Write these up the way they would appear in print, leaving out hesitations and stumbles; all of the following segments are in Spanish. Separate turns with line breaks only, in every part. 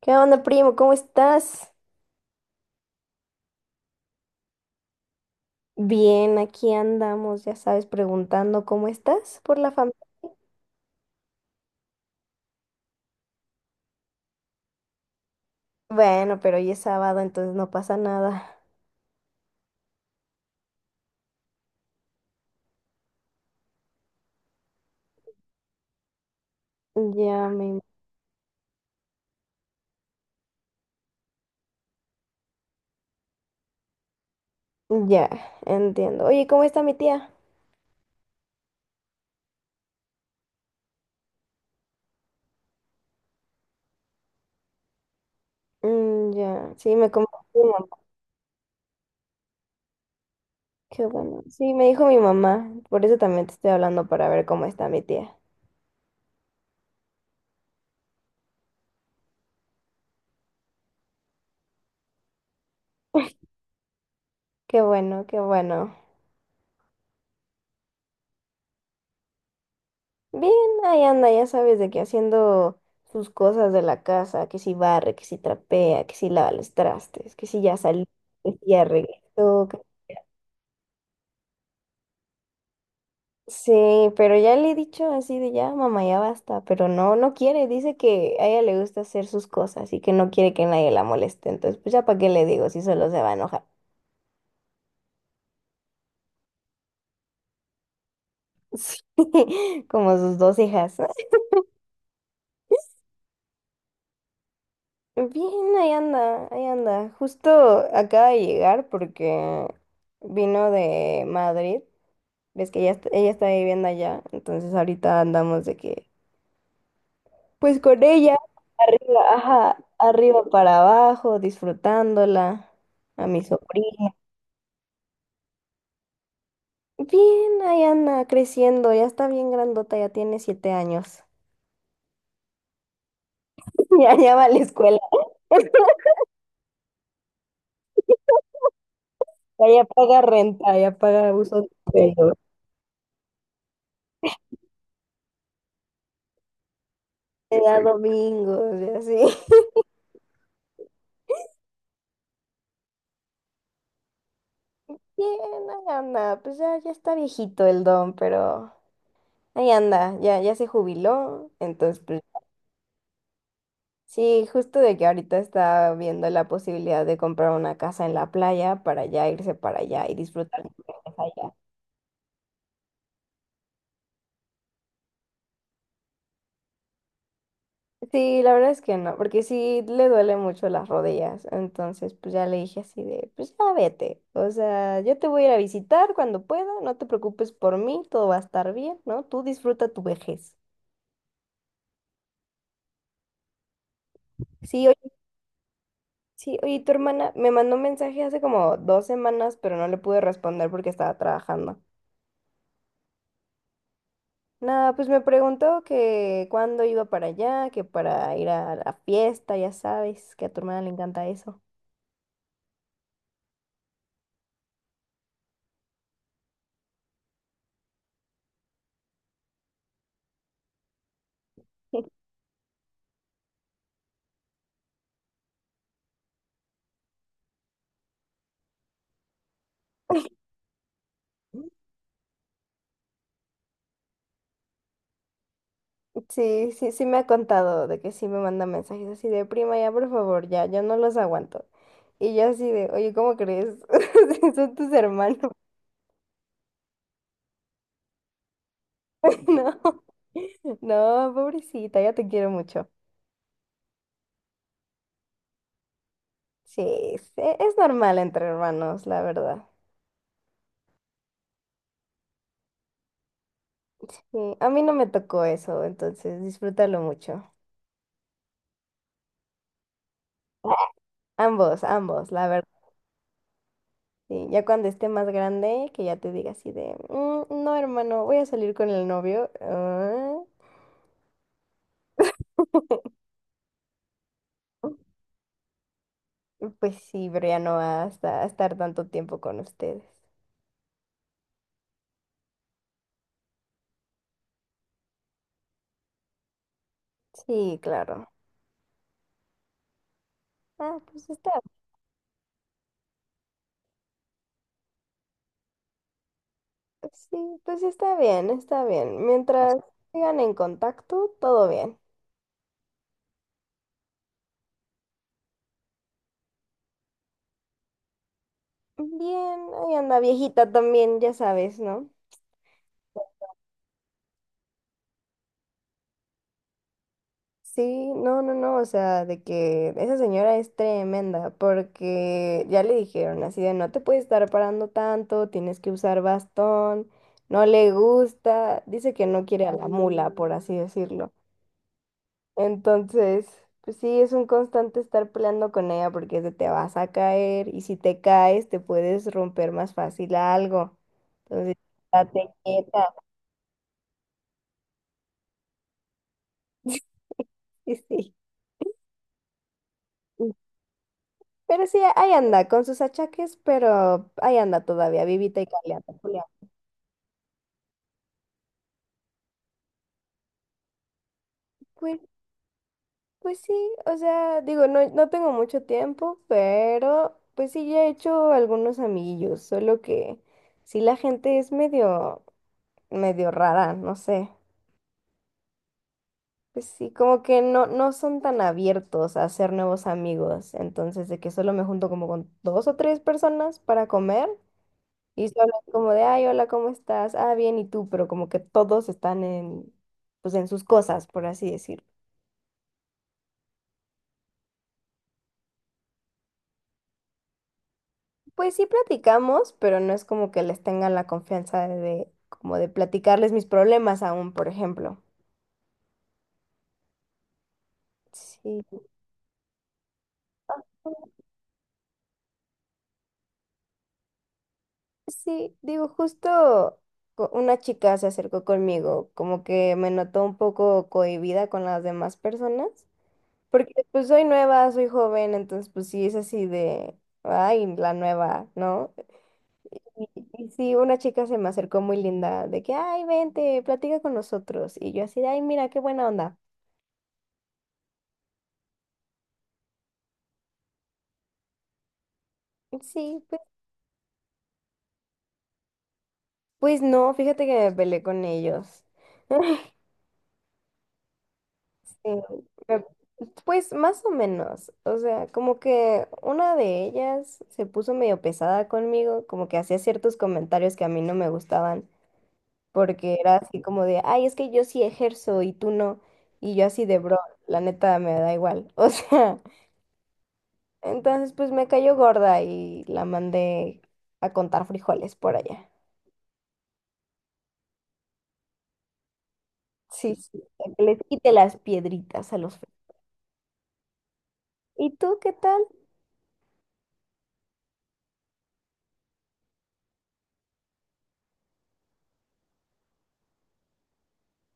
¿Qué onda, primo? ¿Cómo estás? Bien, aquí andamos, ya sabes, preguntando cómo estás por la familia. Bueno, pero hoy es sábado, entonces no pasa nada. Ya me... Ya, entiendo. Oye, ¿cómo está mi tía? Mm, ya, sí, me comentó mi mamá. Qué bueno. Sí, me dijo mi mamá. Por eso también te estoy hablando para ver cómo está mi tía. Qué bueno, qué bueno. Bien, ahí anda, ya sabes, de que, haciendo sus cosas de la casa, que si barre, que si trapea, que si lava los trastes, que si ya salió, que si ya regresó. Sí, pero ya le he dicho así de ya, mamá, ya basta, pero no quiere, dice que a ella le gusta hacer sus cosas y que no quiere que nadie la moleste, entonces pues ya para qué le digo si solo se va a enojar. Sí, como sus dos hijas. Bien, ahí anda. Justo acaba de llegar porque vino de Madrid. Ves que ella, est- Ella está viviendo allá, entonces ahorita andamos de que, pues con ella, arriba, ajá, arriba para abajo, disfrutándola, a mi sobrina. Bien, ahí anda creciendo, ya está bien grandota, ya tiene siete años. Ya, ya va a la escuela, ya, ya paga renta, ya paga uso de pelo. Le da domingos y así. Bien, ahí anda, pues ya, ya está viejito el don, pero ahí anda, ya, ya se jubiló, entonces pues... Sí, justo de que ahorita está viendo la posibilidad de comprar una casa en la playa para ya irse para allá y disfrutar de allá. Sí, la verdad es que no, porque sí le duele mucho las rodillas. Entonces, pues ya le dije así de, pues ya vete. O sea, yo te voy a ir a visitar cuando pueda, no te preocupes por mí, todo va a estar bien, ¿no? Tú disfruta tu vejez. Sí, oye, sí, oye, tu hermana me mandó un mensaje hace como dos semanas, pero no le pude responder porque estaba trabajando. Nada, pues me preguntó que cuándo iba para allá, que para ir a la fiesta, ya sabes, que a tu hermana le encanta eso. Sí, me ha contado de que sí me manda mensajes así de prima, ya por favor, ya, yo no los aguanto. Y yo así de, oye, ¿cómo crees? Si son tus hermanos. No, no, pobrecita, ya te quiero mucho. Sí, es, es normal entre hermanos, la verdad. Sí, a mí no me tocó eso, entonces disfrútalo mucho. Ambos, ambos, la verdad. Sí, ya cuando esté más grande, que ya te diga así de, "Mm, no, hermano, voy a salir con el novio". Ah, pues sí, pero ya no va a estar tanto tiempo con ustedes. Sí, claro. Ah, pues está... sí, pues está bien, está bien. Mientras sigan en contacto, todo bien. Bien, ahí anda viejita también, ya sabes, ¿no? Sí, no, o sea, de que esa señora es tremenda, porque ya le dijeron así de no te puedes estar parando tanto, tienes que usar bastón, no le gusta, dice que no quiere a la mula, por así decirlo. Entonces, pues sí, es un constante estar peleando con ella porque es de te vas a caer y si te caes te puedes romper más fácil algo. Entonces, date quieta. Sí, sí. Pero sí, ahí anda, con sus achaques, pero ahí anda todavía, vivita y coleando, Julián. Pues, pues sí, o sea, digo, no tengo mucho tiempo, pero pues sí, ya he hecho algunos amiguillos, solo que sí la gente es medio, medio rara, no sé. Pues sí, como que no son tan abiertos a hacer nuevos amigos, entonces de que solo me junto como con dos o tres personas para comer. Y solo es como de, ay, hola, ¿cómo estás? Ah, bien, ¿y tú? Pero como que todos están en, pues en sus cosas, por así decirlo. Pues sí platicamos, pero no es como que les tengan la confianza de como de platicarles mis problemas aún, por ejemplo. Sí, sí, digo, justo una chica se acercó conmigo, como que me notó un poco cohibida con las demás personas, porque pues soy nueva, soy joven, entonces pues sí es así de, ay, la nueva, ¿no? Y, y sí, una chica se me acercó muy linda, de que, ay, vente, platica con nosotros. Y yo así de, ay, mira, qué buena onda. Sí, pues, pues no, fíjate que me peleé con ellos. Sí, me- pues más o menos, o sea, como que una de ellas se puso medio pesada conmigo, como que hacía ciertos comentarios que a mí no me gustaban, porque era así como de, ay, es que yo sí ejerzo y tú no, y yo así de, bro, la neta me da igual. O sea... Entonces, pues me cayó gorda y la mandé a contar frijoles por allá. Sí, sí, para que les quite las piedritas a los frijoles. ¿Y tú qué tal?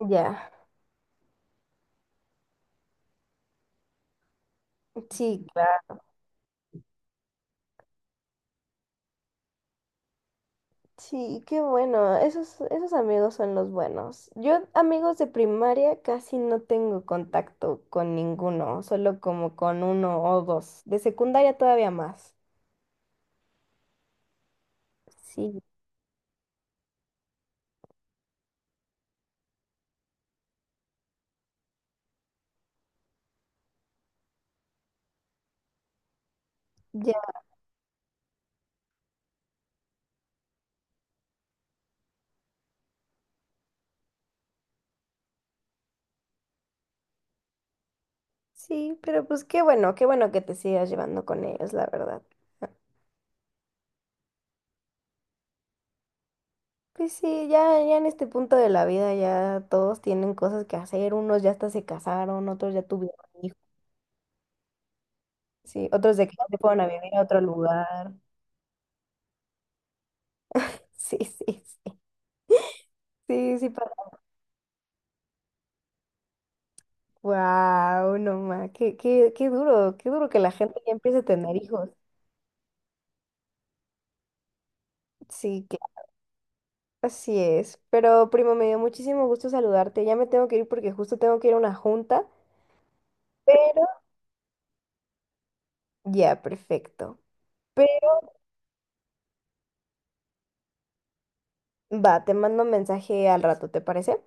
Ya, sí, claro. Sí, qué bueno. Esos, esos amigos son los buenos. Yo amigos de primaria casi no tengo contacto con ninguno, solo como con uno o dos. De secundaria todavía más. Sí, ya. Sí, pero pues qué bueno que te sigas llevando con ellos, la verdad. Pues sí, ya, ya en este punto de la vida ya todos tienen cosas que hacer, unos ya hasta se casaron, otros ya tuvieron hijos, sí, otros de que ya se fueron a vivir a otro lugar. Sí, sí, sí, sí, para... Wow, no ma, qué, qué, qué duro que la gente ya empiece a tener hijos. Sí, claro, así es. Pero primo, me dio muchísimo gusto saludarte. Ya me tengo que ir porque justo tengo que ir a una junta, pero ya, perfecto. Pero va, te mando un mensaje al rato, ¿te parece?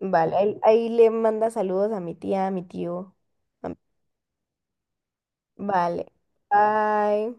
Vale, ahí le manda saludos a mi tía, a mi tío. a- Vale. Bye.